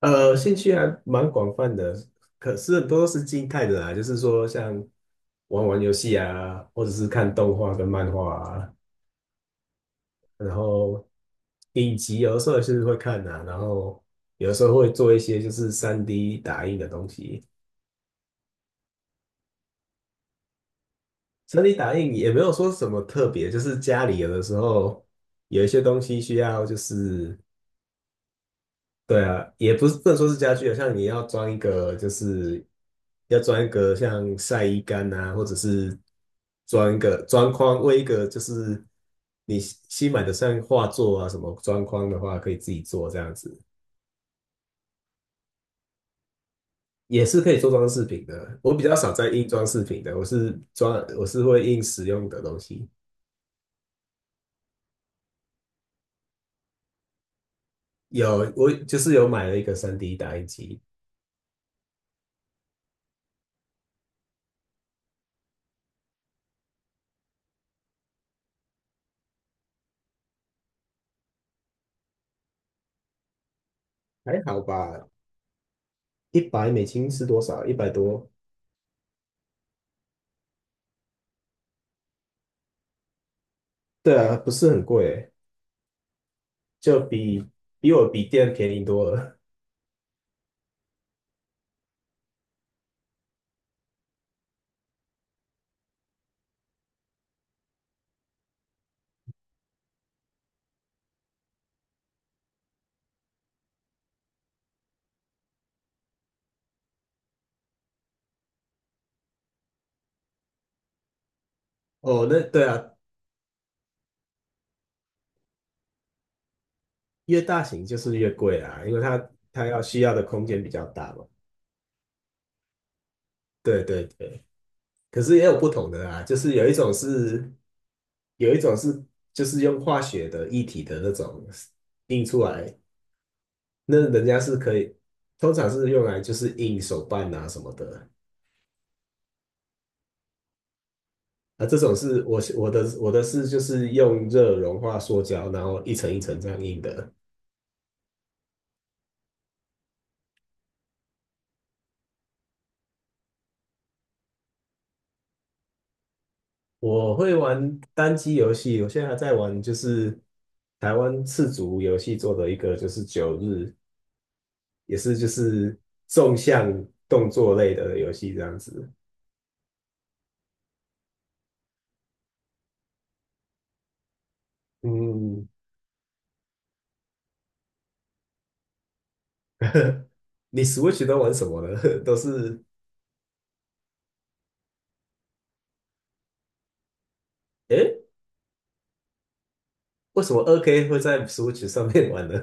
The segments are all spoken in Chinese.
兴趣还蛮广泛的，可是很多都是静态的啦，就是说像玩玩游戏啊，或者是看动画跟漫画啊，然后影集有的时候也是会看啊，然后有的时候会做一些就是 3D 打印的东西。3D 打印也没有说什么特别，就是家里有的时候有一些东西需要就是对啊，也不是不能说是家具啊，像你要装一个，就是要装一个像晒衣杆啊，或者是装一个装框，为一个就是你新买的像画作啊什么装框的话，可以自己做这样子，也是可以做装饰品的。我比较少在印装饰品的，我是会印实用的东西。有，我就是有买了一个三 d 打印机，还好吧，100美金是多少？100多，对啊，不是很贵欸，就比我笔店便宜多了。哦，那对啊，越大型就是越贵啊，因为它要需要的空间比较大嘛。对对对，可是也有不同的啊，就是有一种是就是用化学的液体的那种印出来，那人家是可以，通常是用来就是印手办啊什么的。啊，这种是我的是就是用热融化塑胶，然后一层一层这样印的。我会玩单机游戏，我现在还在玩，就是台湾赤足游戏做的一个，就是九日，也是就是纵向动作类的游戏这样子。嗯，你 Switch 都玩什么呢？都是，诶，为什么2K 会在 Switch 上面玩呢？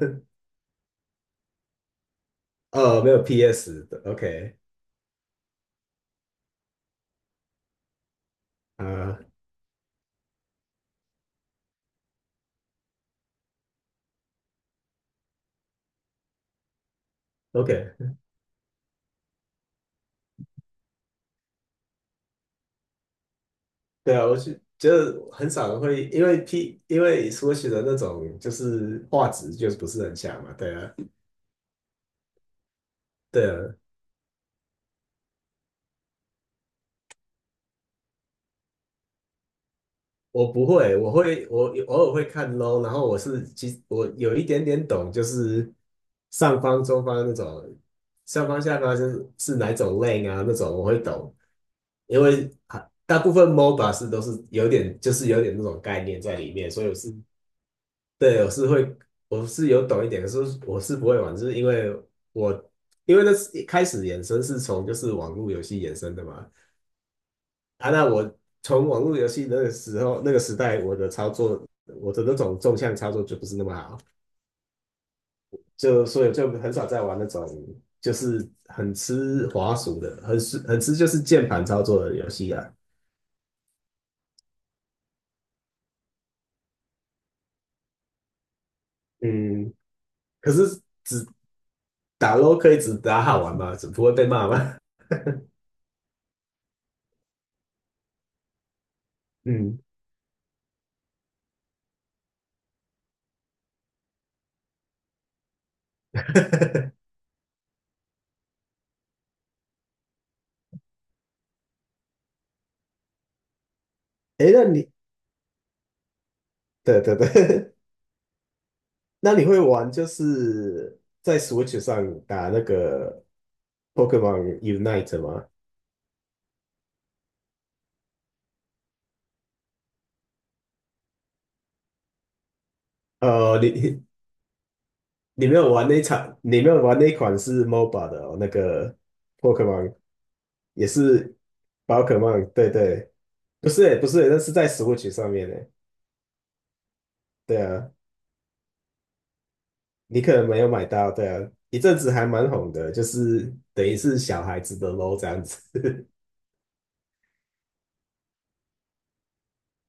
哦，没有 PS 的，OK，啊，OK，对啊，我是觉得很少人会因为 P 因为 Switch 的那种就是画质就是不是很强嘛，对啊。对啊，我不会，我会，我偶尔会看 low，然后我是其实我有一点点懂，就是上方、中方那种，上方、下方是是哪一种 lane 啊那种我会懂，因为啊大部分 MOBA 是都是有点那种概念在里面，所以对我是会我是有懂一点，可是我是不会玩，就是因为我因为那是一开始衍生是从就是网络游戏衍生的嘛，啊，那我从网络游戏那个时候那个时代，我的操作，我的那种纵向操作就不是那么好，就所以就很少在玩那种就是很吃滑鼠的，很吃就是键盘操作的游戏啊。嗯，可是只打 LO l 可以只打好玩吗？只不会被骂吗？嗯，诶，那你对对对，那你会玩就是在 Switch 上打那个 Pokemon Unite 吗？呃，你没有玩那一场，你没有玩那一款是 MOBA 的哦，那个 Pokemon 也是宝可梦，对对，不是欸，那是在 Switch 上面的，对啊，你可能没有买到，对啊，一阵子还蛮红的，就是等于是小孩子的 LO 这样子，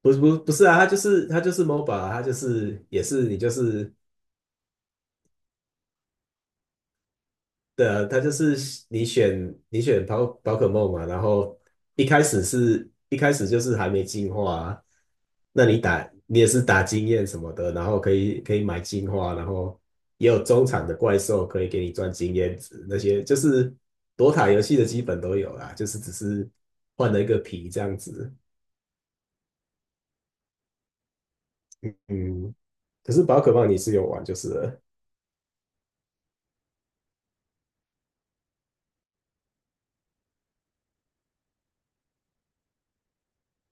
不是啊，它就是MOBA，它就是也是你就是对啊，它就是你选宝可梦嘛，然后一开始就是还没进化啊，那你也是打经验什么的，然后可以可以买进化，然后也有中场的怪兽可以给你赚经验值，那些就是躲塔游戏的基本都有啦，就是只是换了一个皮这样子。嗯，可是宝可梦你是有玩就是了，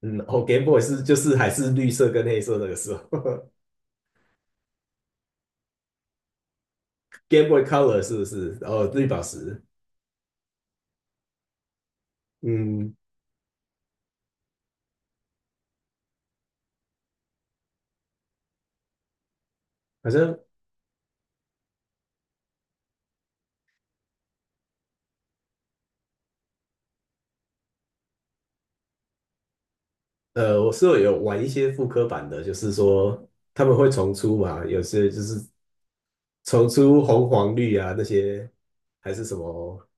嗯，哦，Game Boy 是就是还是绿色跟黑色那个时候。 ，Game Boy Color 是不是？哦，绿宝石。嗯，好像呃，我室友有玩一些复刻版的，就是说他们会重出嘛，有些就是重出红黄绿啊那些，还是什么，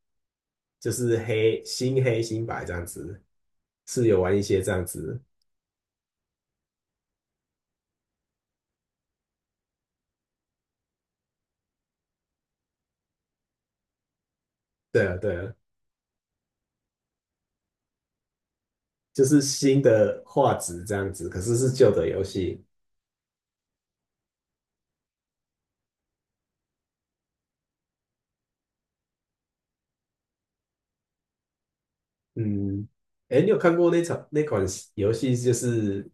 就是黑新黑新白这样子，是有玩一些这样子。对啊，对啊，就是新的画质这样子，可是是旧的游戏。嗯，哎，你有看过那场那款游戏，就是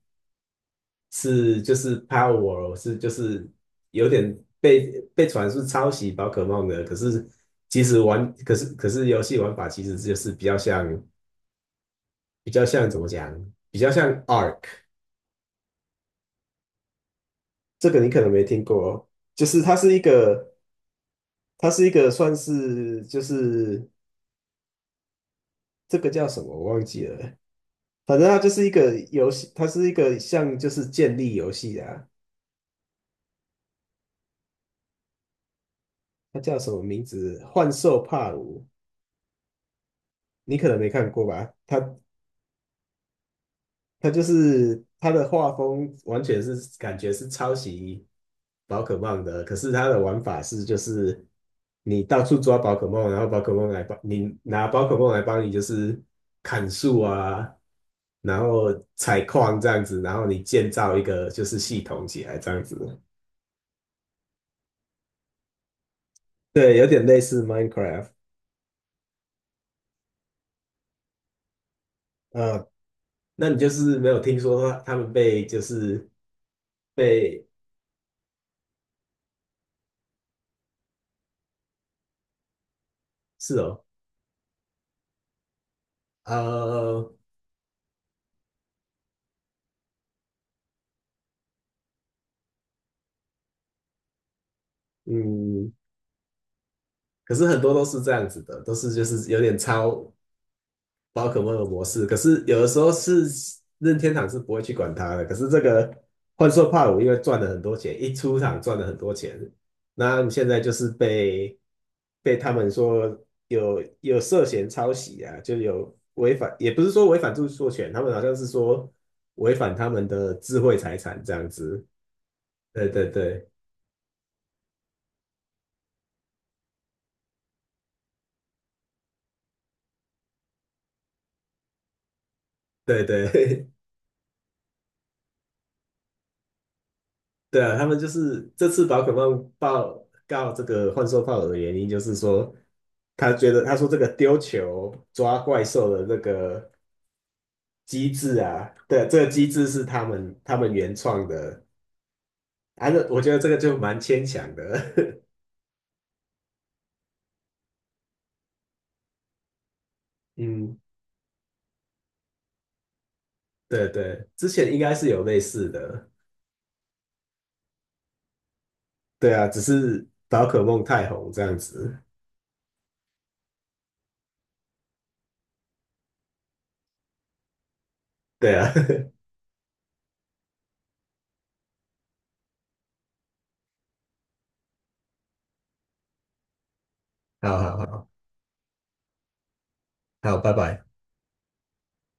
是就是 Power 是就是有点被传是抄袭宝可梦的，可是其实玩可是可是游戏玩法其实就是比较像怎么讲，比较像 Ark。 这个你可能没听过，就是它是一个算是就是这个叫什么我忘记了，反正它就是一个游戏，它是一个像就是建立游戏啊，它叫什么名字？幻兽帕鲁，你可能没看过吧？它他就是他的画风完全是感觉是抄袭宝可梦的，可是他的玩法是就是你到处抓宝可梦，然后宝可梦来帮你拿宝可梦来帮你就是砍树啊，然后采矿这样子，然后你建造一个就是系统起来这样子，对，有点类似 Minecraft。呃，那你就是没有听说他他们被就是被是哦，呃，嗯。可是很多都是这样子的，都是就是有点抄宝可梦的模式。可是有的时候是任天堂是不会去管它的。可是这个幻兽帕鲁因为赚了很多钱，一出场赚了很多钱，那你现在就是被他们说有涉嫌抄袭啊，就有违反，也不是说违反著作权，他们好像是说违反他们的智慧财产这样子。对对对对对。对啊，他们就是这次宝可梦报告这个幻兽炮的原因，就是说他觉得他说这个丢球抓怪兽的这个机制啊，对，这个机制是他们原创的，啊，那我觉得这个就蛮牵强的。嗯，对对，之前应该是有类似的，对啊，只是宝可梦太红这样子，对啊，好好好，好，拜拜。